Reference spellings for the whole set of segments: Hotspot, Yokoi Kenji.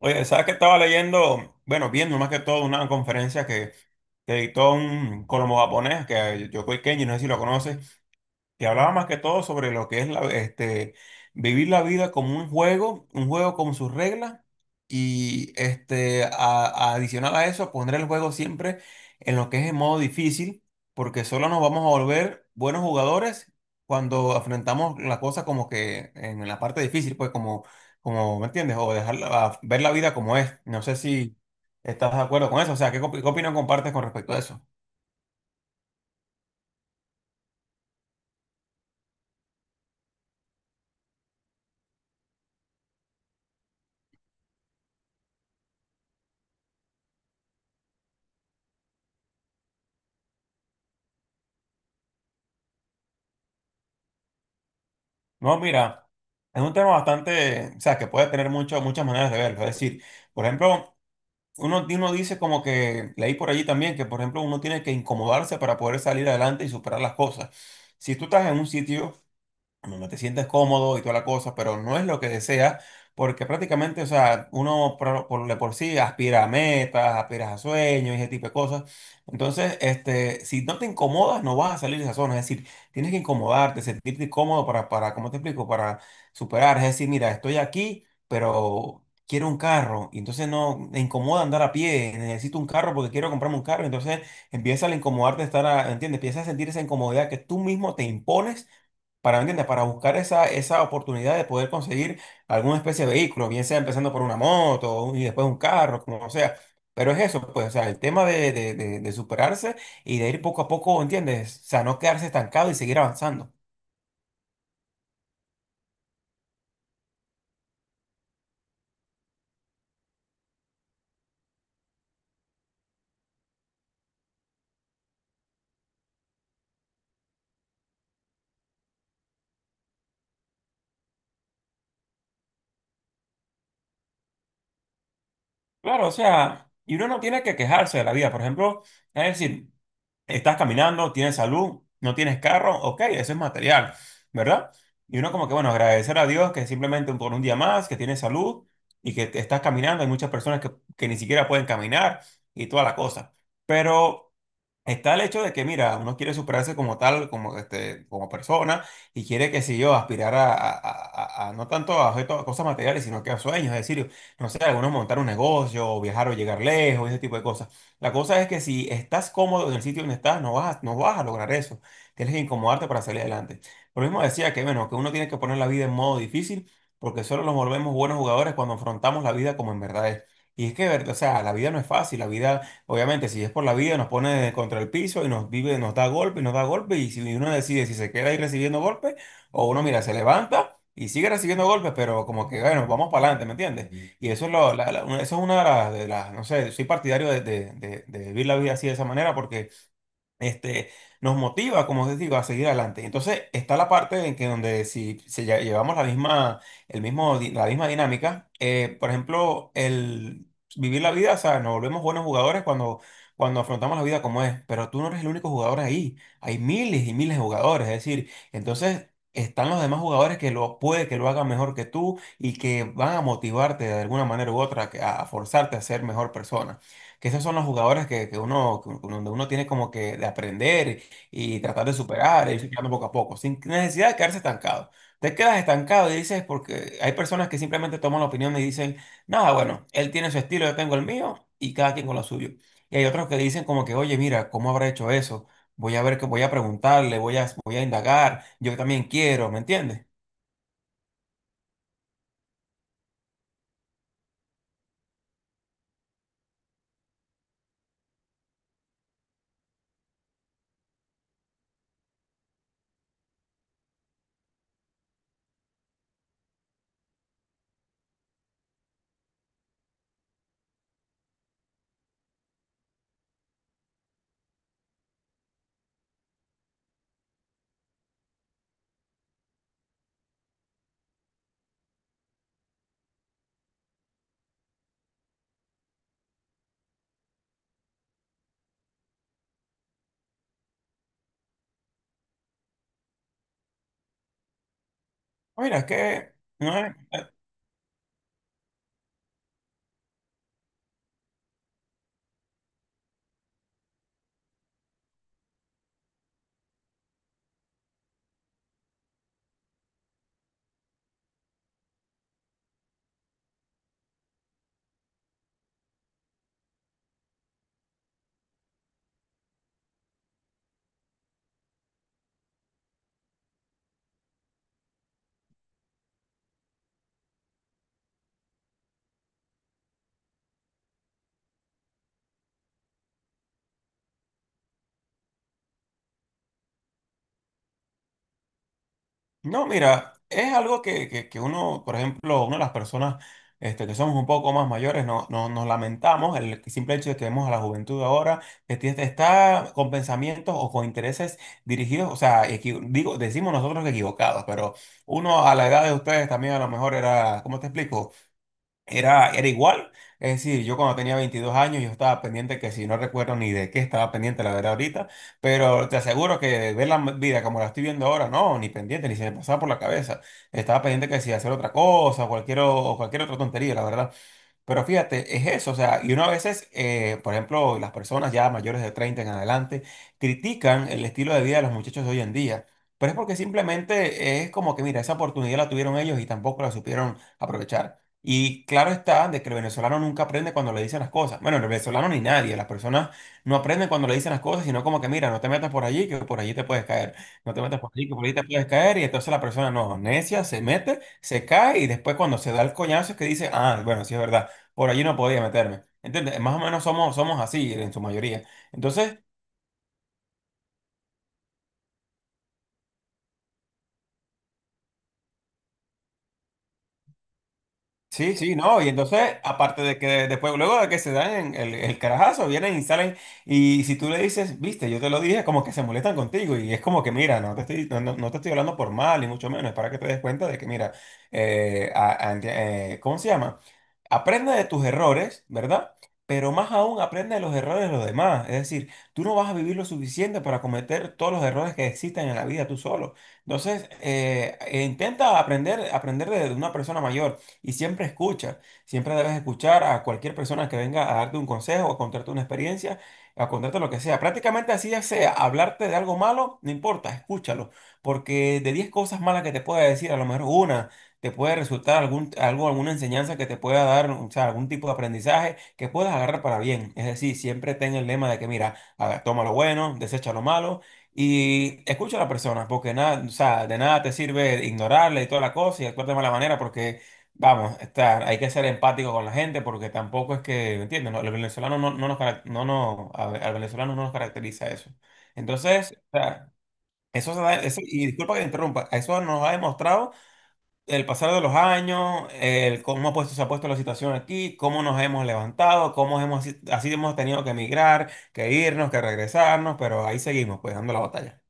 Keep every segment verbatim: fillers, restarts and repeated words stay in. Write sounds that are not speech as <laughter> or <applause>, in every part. Oye, ¿sabes que estaba leyendo? Bueno, viendo más que todo una conferencia que, que dictó un colombo japonés, que es Yokoi Kenji, no sé si lo conoces. Te hablaba más que todo sobre lo que es la, este, vivir la vida como un juego, un juego con sus reglas y este, a- adicional a eso poner el juego siempre en lo que es en modo difícil, porque solo nos vamos a volver buenos jugadores cuando afrontamos la cosa como que en la parte difícil, pues como, como ¿me entiendes? O dejar ver la vida como es. No sé si estás de acuerdo con eso, o sea, ¿qué, op- qué opinión compartes con respecto a eso? No, mira, es un tema bastante, o sea, que puede tener mucho- muchas maneras de verlo. Es decir, por ejemplo, uno, uno dice como que, leí por allí también, que por ejemplo uno tiene que incomodarse para poder salir adelante y superar las cosas. Si tú estás en un sitio donde te sientes cómodo y toda la cosa, pero no es lo que deseas, porque prácticamente, o sea, uno pro- por, de por sí aspira a metas, aspiras a sueños y ese tipo de cosas. Entonces, este, si no te incomodas, no vas a salir de esa zona. Es decir, tienes que incomodarte, sentirte cómodo para, para, ¿cómo te explico? Para superar. Es decir, mira, estoy aquí, pero quiero un carro. Y entonces no, me incomoda andar a pie. Necesito un carro porque quiero comprarme un carro. Entonces empieza a incomodarte estar, a, ¿entiendes? Empieza a sentir esa incomodidad que tú mismo te impones para, ¿me entiendes? Para buscar esa, esa oportunidad de poder conseguir alguna especie de vehículo, bien sea empezando por una moto y después un carro, como sea. Pero es eso, pues, o sea, el tema de, de, de, de superarse y de ir poco a poco, ¿entiendes? O sea, no quedarse estancado y seguir avanzando. Claro, o sea, y uno no tiene que quejarse de la vida. Por ejemplo, es decir, estás caminando, tienes salud, no tienes carro, ok, eso es material, ¿verdad? Y uno como que, bueno, agradecer a Dios que simplemente por un día más, que tienes salud y que te estás caminando. Hay muchas personas que, que ni siquiera pueden caminar y toda la cosa. Pero... está el hecho de que, mira, uno quiere superarse como tal, como, este, como persona, y quiere, que si yo, aspirar a, a- a- a- a- no tanto a objetos, a cosas materiales, sino que a sueños, es decir, no sé, algunos montar un negocio, o viajar o llegar lejos, ese tipo de cosas. La cosa es que si estás cómodo en el sitio donde estás, no vas, a- no vas a lograr eso. Tienes que incomodarte para salir adelante. Por lo mismo decía que, bueno, que uno tiene que poner la vida en modo difícil, porque solo nos volvemos buenos jugadores cuando afrontamos la vida como en verdad es. Y es que, o sea, la vida no es fácil, la vida... Obviamente, si es por la vida, nos pone contra el piso y nos vive, nos da golpe y nos da golpe. Y si uno decide si se queda ahí recibiendo golpes, o uno, mira, se levanta y sigue recibiendo golpes, pero como que, bueno, vamos para adelante, ¿me entiendes? Ujú. Y eso es, lo, la- la- una- eso es una de las, de las, no sé, soy partidario de, de- de- de vivir la vida así de esa manera, porque este, nos motiva, como te digo, a seguir adelante. Entonces, está la parte en que donde si, si lle- llevamos la misma, el mismo, di- la misma dinámica, eh, por ejemplo, el vivir la vida, o sea, nos volvemos buenos jugadores cuando, cuando afrontamos la vida como es, pero tú no eres el único jugador ahí, hay miles y miles de jugadores, es decir, entonces... están los demás jugadores que lo puede que lo hagan mejor que tú y que van a motivarte de alguna manera u otra que- a a forzarte a ser mejor persona que esos son los jugadores que, que uno, que uno- donde uno tiene como que de aprender y tratar de superar e irse quedando poco a poco, sin necesidad de quedarse estancado. Te quedas estancado y dices, porque hay personas que simplemente toman la opinión y dicen, nada, bueno, él tiene su estilo, yo tengo el mío y cada quien con lo suyo. Y hay otros que dicen como que, oye, mira, ¿cómo habrá hecho eso? Voy a ver, que voy a preguntarle, voy a, voy a indagar, yo también quiero, ¿me entiendes? Mira, es que no es- no, mira, es algo que, que- que uno, por ejemplo, una de las personas este, que somos un poco más mayores, no, no- nos lamentamos el simple hecho de que vemos a la juventud ahora que tie- está con pensamientos o con intereses dirigidos, o sea, equi- digo, decimos nosotros que equivocados, pero uno a la edad de ustedes también a lo mejor era, ¿cómo te explico? Era, era igual. Es decir, yo cuando tenía veintidós años, yo estaba pendiente que si no recuerdo ni de qué estaba pendiente, la verdad, ahorita, pero te aseguro que ver la vida como la estoy viendo ahora, no, ni pendiente, ni se me pasaba por la cabeza. Estaba pendiente que si hacer otra cosa, cualquier, o cualquier otra tontería, la verdad. Pero fíjate, es eso, o sea, y uno a veces, eh, por ejemplo, las personas ya mayores de treinta en adelante critican el estilo de vida de los muchachos de hoy en día, pero es porque simplemente es como que, mira, esa oportunidad la tuvieron ellos y tampoco la supieron aprovechar. Y claro está de que el venezolano nunca aprende cuando le dicen las cosas. Bueno, el venezolano ni nadie, las personas no aprenden cuando le dicen las cosas, sino como que, mira, no te metas por allí, que por allí te puedes caer, no te metas por allí, que por allí te puedes caer, y entonces la persona no, necia, se mete, se cae y después cuando se da el coñazo es que dice, ah, bueno, sí es verdad por allí no podía meterme. ¿Entiendes? Más o menos somos, somos así en su mayoría. Entonces, sí, sí, no. Y entonces, aparte de que después, luego de que se dan el, el carajazo, vienen y salen. Y si tú le dices, viste, yo te lo dije, como que se molestan contigo. Y es como que, mira, no te estoy, no, no- no te estoy hablando por mal, ni mucho menos. Es para que te des cuenta de que, mira, eh, a- a- eh, ¿cómo se llama? Aprende de tus errores, ¿verdad? Pero más aún aprende de los errores de los demás. Es decir, tú no vas a vivir lo suficiente para cometer todos los errores que existen en la vida tú solo. Entonces, eh, eh, intenta aprender, aprender de una persona mayor y siempre escucha. Siempre debes escuchar a cualquier persona que venga a darte un consejo, a contarte una experiencia, a contarte lo que sea. Prácticamente así ya sea, hablarte de algo malo, no importa, escúchalo. Porque de diez cosas malas que te pueda decir, a lo mejor una te puede resultar algún, algo, alguna enseñanza que te pueda dar, o sea, algún tipo de aprendizaje que puedas agarrar para bien. Es decir, siempre ten el lema de que, mira, a ver, toma lo bueno, desecha lo malo y escucha a la persona, porque nada, o sea, de nada te sirve ignorarle y toda la cosa y actuar de mala manera porque... vamos, estar, hay que ser empático con la gente porque tampoco es que, ¿me entiendes? No, los venezolanos no, no nos, carac- no, no, a ver, al venezolano no nos caracteriza eso. Entonces, o sea, eso, se da- eso- y disculpa que te interrumpa, eso nos ha demostrado el pasar de los años, el cómo ha puesto- se ha puesto la situación aquí, cómo nos hemos levantado, cómo hemos, si, así hemos tenido que emigrar, que irnos, que regresarnos, pero ahí seguimos, pues dando la batalla.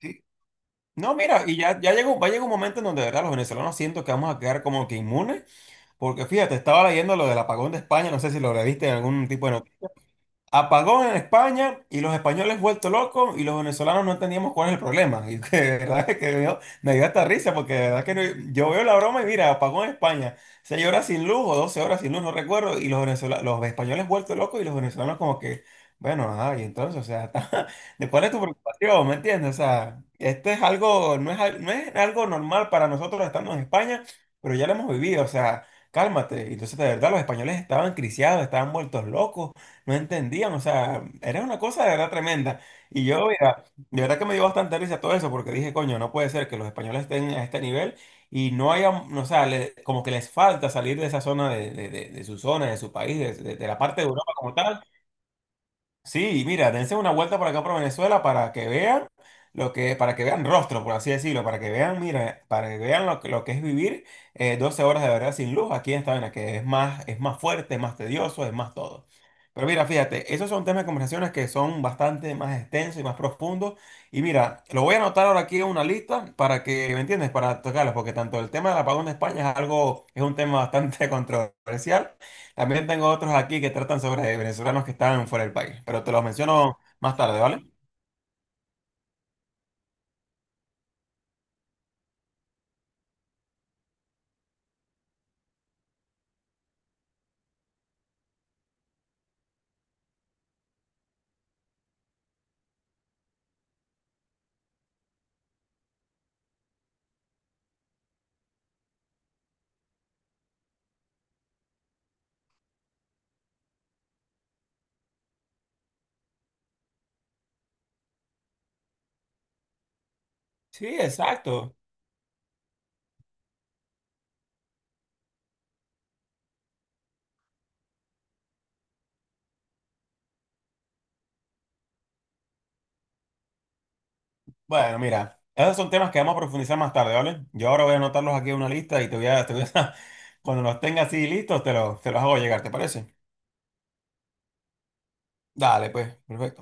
Sí, no, mira, y ya, ya llegó, va a llegar un momento en donde de verdad los venezolanos siento que vamos a quedar como que inmunes, porque fíjate, estaba leyendo lo del apagón de España, no sé si lo leíste en algún tipo de noticia. Apagón en España y los españoles vuelto locos y los venezolanos no entendíamos cuál es el problema. <laughs> Y que, de verdad que me dio, me dio hasta risa porque de verdad que no- yo veo la broma y mira, apagón en España, seis horas sin luz o doce horas sin luz, no recuerdo, y los venezolanos, los españoles vuelto locos y los venezolanos como que, bueno, ajá, y entonces, o sea, <laughs> ¿de cuál es tu preocupación? ¿Me entiendes? O sea, este es algo, no es, al- no es algo normal para nosotros estando en España, pero ya lo hemos vivido, o sea, cálmate. Y entonces, de verdad, los españoles estaban criciados, estaban vueltos locos no entendían, o sea, era una cosa de verdad tremenda. Y yo, mira, de verdad que me dio bastante risa todo eso, porque dije, coño, no puede ser que los españoles estén a este nivel y no haya, no, o sea, le- como que les falta salir de esa zona, de, de- de- de su zona, de su país, de, de- de la parte de Europa como tal. Sí, y mira, dense una vuelta por acá por Venezuela para que vean lo que, para que vean rostro, por así decirlo, para que vean, mira, para que vean lo, que- lo que es vivir eh, doce horas de verdad sin luz aquí en esta vaina, que es más, es más fuerte, es más tedioso, es más todo. Pero mira, fíjate, esos son temas de conversaciones que son bastante más extensos y más profundos. Y mira, lo voy a anotar ahora aquí en una lista para que, ¿me entiendes? Para tocarlos, porque tanto el tema del apagón de España es algo, es un tema bastante <laughs> controversial. También tengo otros aquí que tratan sobre venezolanos que están fuera del país, pero te los menciono más tarde, ¿vale? Sí, exacto. Bueno, mira, esos son temas que vamos a profundizar más tarde, ¿vale? Yo ahora voy a anotarlos aquí en una lista y te voy a, te voy a- <laughs> cuando los tenga así listos, te los, te los hago llegar, ¿te parece? Dale, pues, perfecto.